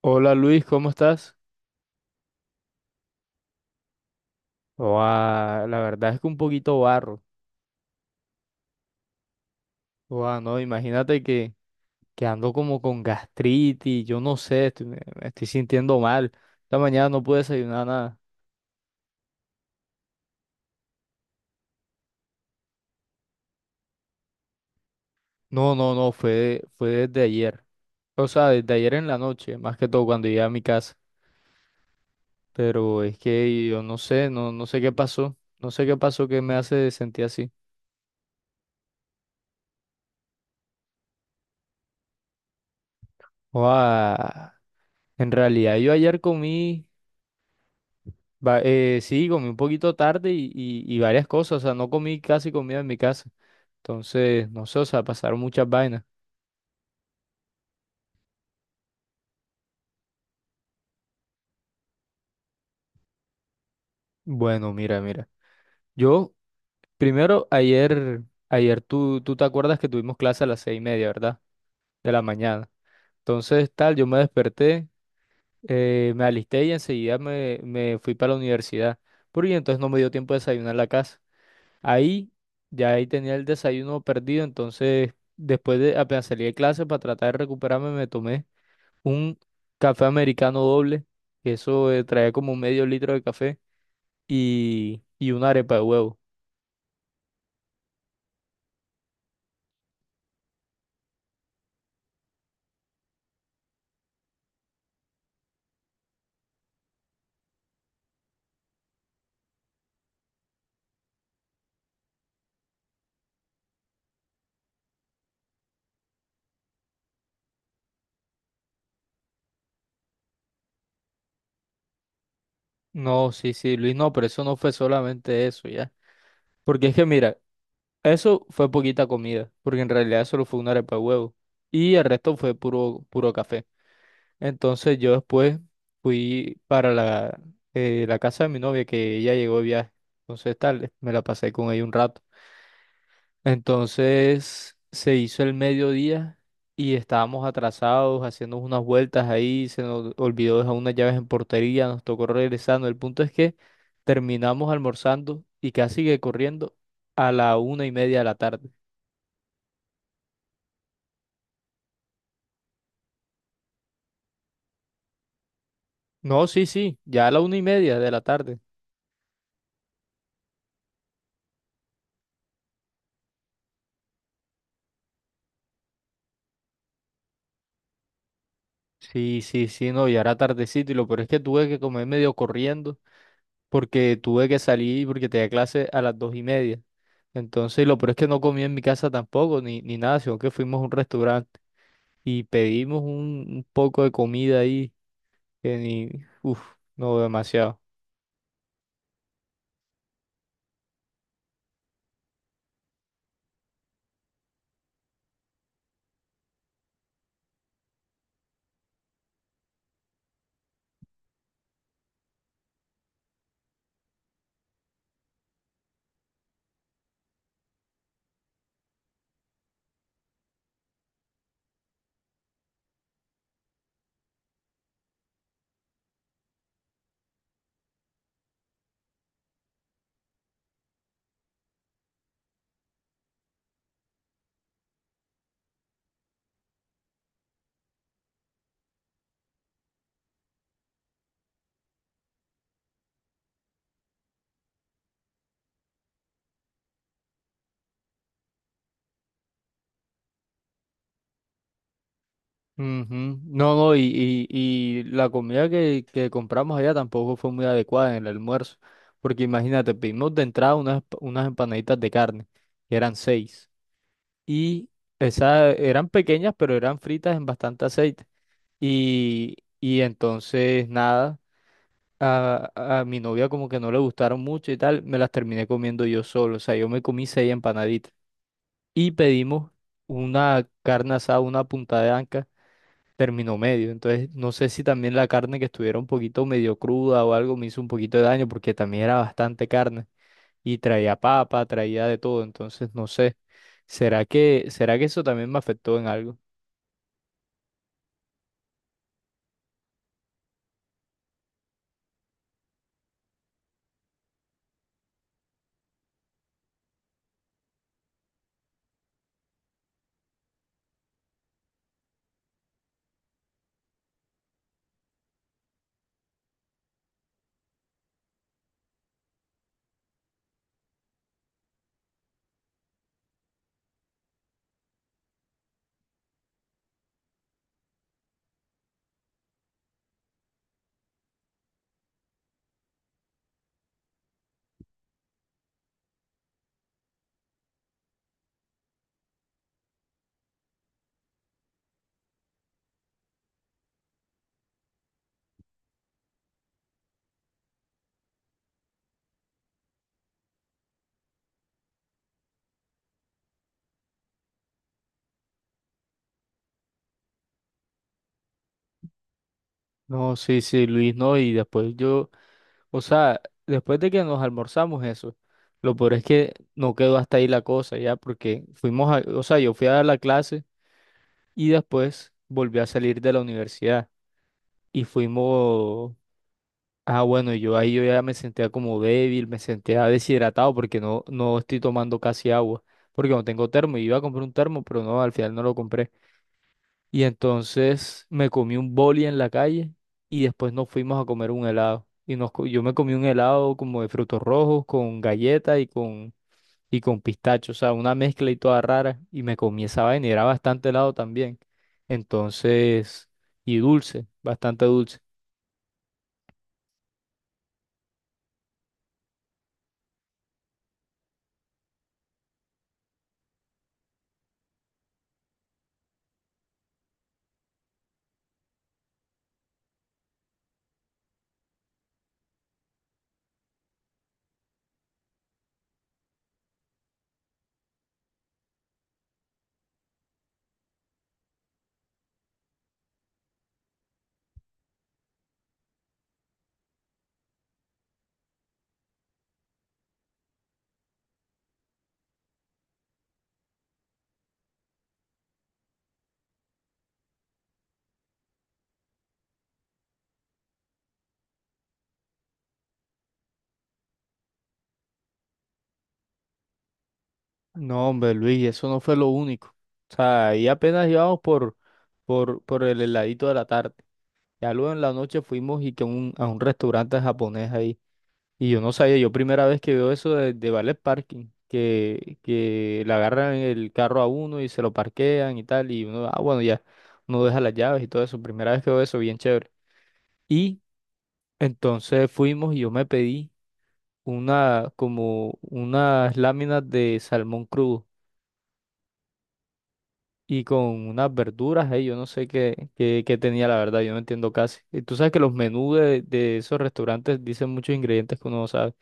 Hola Luis, ¿cómo estás? Oa, la verdad es que un poquito barro. Oa, no, imagínate que ando como con gastritis, yo no sé, me estoy sintiendo mal. Esta mañana no pude desayunar nada. No, no, no, fue desde ayer. O sea, desde ayer en la noche, más que todo cuando llegué a mi casa. Pero es que yo no sé, no, no sé qué pasó. No sé qué pasó que me hace sentir así. Oa, en realidad yo ayer comí. Sí, comí un poquito tarde y varias cosas, o sea, no comí casi comida en mi casa. Entonces, no sé, o sea, pasaron muchas vainas. Bueno, mira, mira. Yo, primero, ayer, ayer tú te acuerdas que tuvimos clase a las seis y media, ¿verdad? De la mañana. Entonces, tal, yo me desperté, me alisté y enseguida me fui para la universidad. Porque entonces no me dio tiempo de desayunar en la casa. Ahí, ya ahí tenía el desayuno perdido, entonces, después de, apenas salí de clase para tratar de recuperarme, me tomé un café americano doble, que eso trae como medio litro de café, y una arepa de huevo. No, sí, sí, Luis, no, pero eso no fue solamente eso, ya. Porque es que mira, eso fue poquita comida, porque en realidad solo fue una arepa de huevo, y el resto fue puro, puro café. Entonces yo después fui para la casa de mi novia, que ella llegó de viaje. Entonces tal, me la pasé con ella un rato. Entonces se hizo el mediodía y estábamos atrasados, haciendo unas vueltas ahí, se nos olvidó dejar unas llaves en portería, nos tocó regresando. El punto es que terminamos almorzando y casi que corriendo a la una y media de la tarde. No, sí, sí, ya a la una y media de la tarde. Sí, sí, sí, no, ya era tardecito y lo peor es que tuve que comer medio corriendo porque tuve que salir porque tenía clase a las dos y media. Entonces, lo peor es que no comí en mi casa tampoco, ni, ni nada, sino que fuimos a un restaurante y pedimos un poco de comida ahí, que ni, uff, no, demasiado. Ujú. No, no, y la comida que compramos allá tampoco fue muy adecuada en el almuerzo, porque imagínate, pedimos de entrada unas empanaditas de carne, que eran seis, y esas eran pequeñas, pero eran fritas en bastante aceite, y entonces nada, a, a mi novia como que no le gustaron mucho y tal, me las terminé comiendo yo solo, o sea, yo me comí seis empanaditas y pedimos una carne asada, una punta de anca, término medio. Entonces, no sé si también la carne que estuviera un poquito medio cruda o algo me hizo un poquito de daño porque también era bastante carne y traía papa, traía de todo. Entonces, no sé. Será que eso también me afectó en algo? No, sí, sí, Luis, no. Y después yo, o sea, después de que nos almorzamos eso, lo peor es que no quedó hasta ahí la cosa ya, porque fuimos a, o sea, yo fui a dar la clase y después volví a salir de la universidad y fuimos, ah, bueno, yo ahí yo ya me sentía como débil, me sentía deshidratado porque no, no estoy tomando casi agua, porque no tengo termo, iba a comprar un termo, pero no, al final no lo compré. Y entonces me comí un boli en la calle y después nos fuimos a comer un helado. Y nos, yo me comí un helado como de frutos rojos con galleta y y con pistacho, o sea, una mezcla y toda rara. Y me comí esa vaina y era bastante helado también. Entonces, y dulce, bastante dulce. No, hombre, Luis, eso no fue lo único. O sea, ahí apenas íbamos por el heladito de la tarde. Ya luego en la noche fuimos y que a un restaurante japonés ahí. Y yo no sabía, yo primera vez que veo eso de valet parking, que le agarran el carro a uno y se lo parquean y tal. Y uno, ah, bueno, ya, uno deja las llaves y todo eso. Primera vez que veo eso, bien chévere. Y entonces fuimos y yo me pedí una, como unas láminas de salmón crudo y con unas verduras ahí, yo no sé qué, qué, qué tenía la verdad, yo no entiendo casi. Y tú sabes que los menús de esos restaurantes dicen muchos ingredientes que uno no sabe.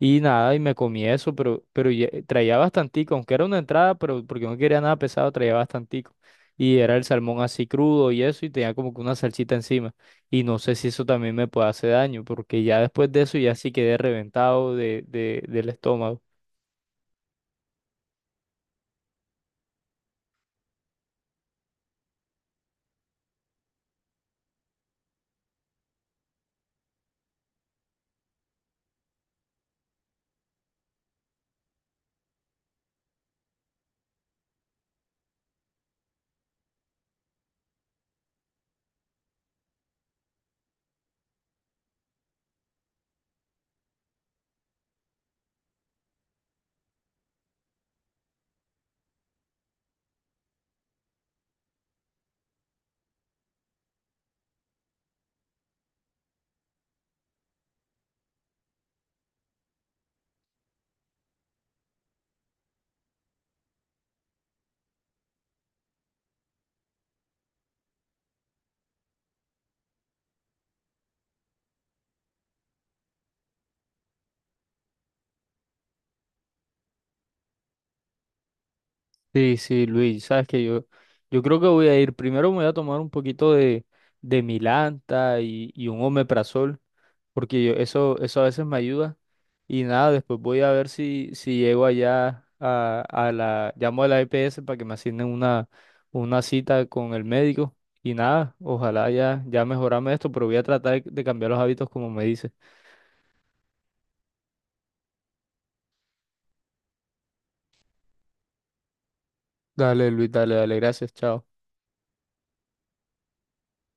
Y nada, y me comí eso, pero, traía bastantico, aunque era una entrada, pero porque no quería nada pesado, traía bastantico. Y era el salmón así crudo y eso, y tenía como que una salsita encima. Y no sé si eso también me puede hacer daño, porque ya después de eso ya sí quedé reventado de, del estómago. Sí, sí, Luis, sabes que yo creo que voy a ir, primero me voy a tomar un poquito de Milanta y un omeprazol, porque eso, eso a veces me ayuda. Y nada, después voy a ver si, si llego allá llamo a la EPS para que me asignen una cita con el médico. Y nada, ojalá ya, ya mejorarme esto, pero voy a tratar de cambiar los hábitos como me dice. Dale, Luis, dale, dale, gracias, chao.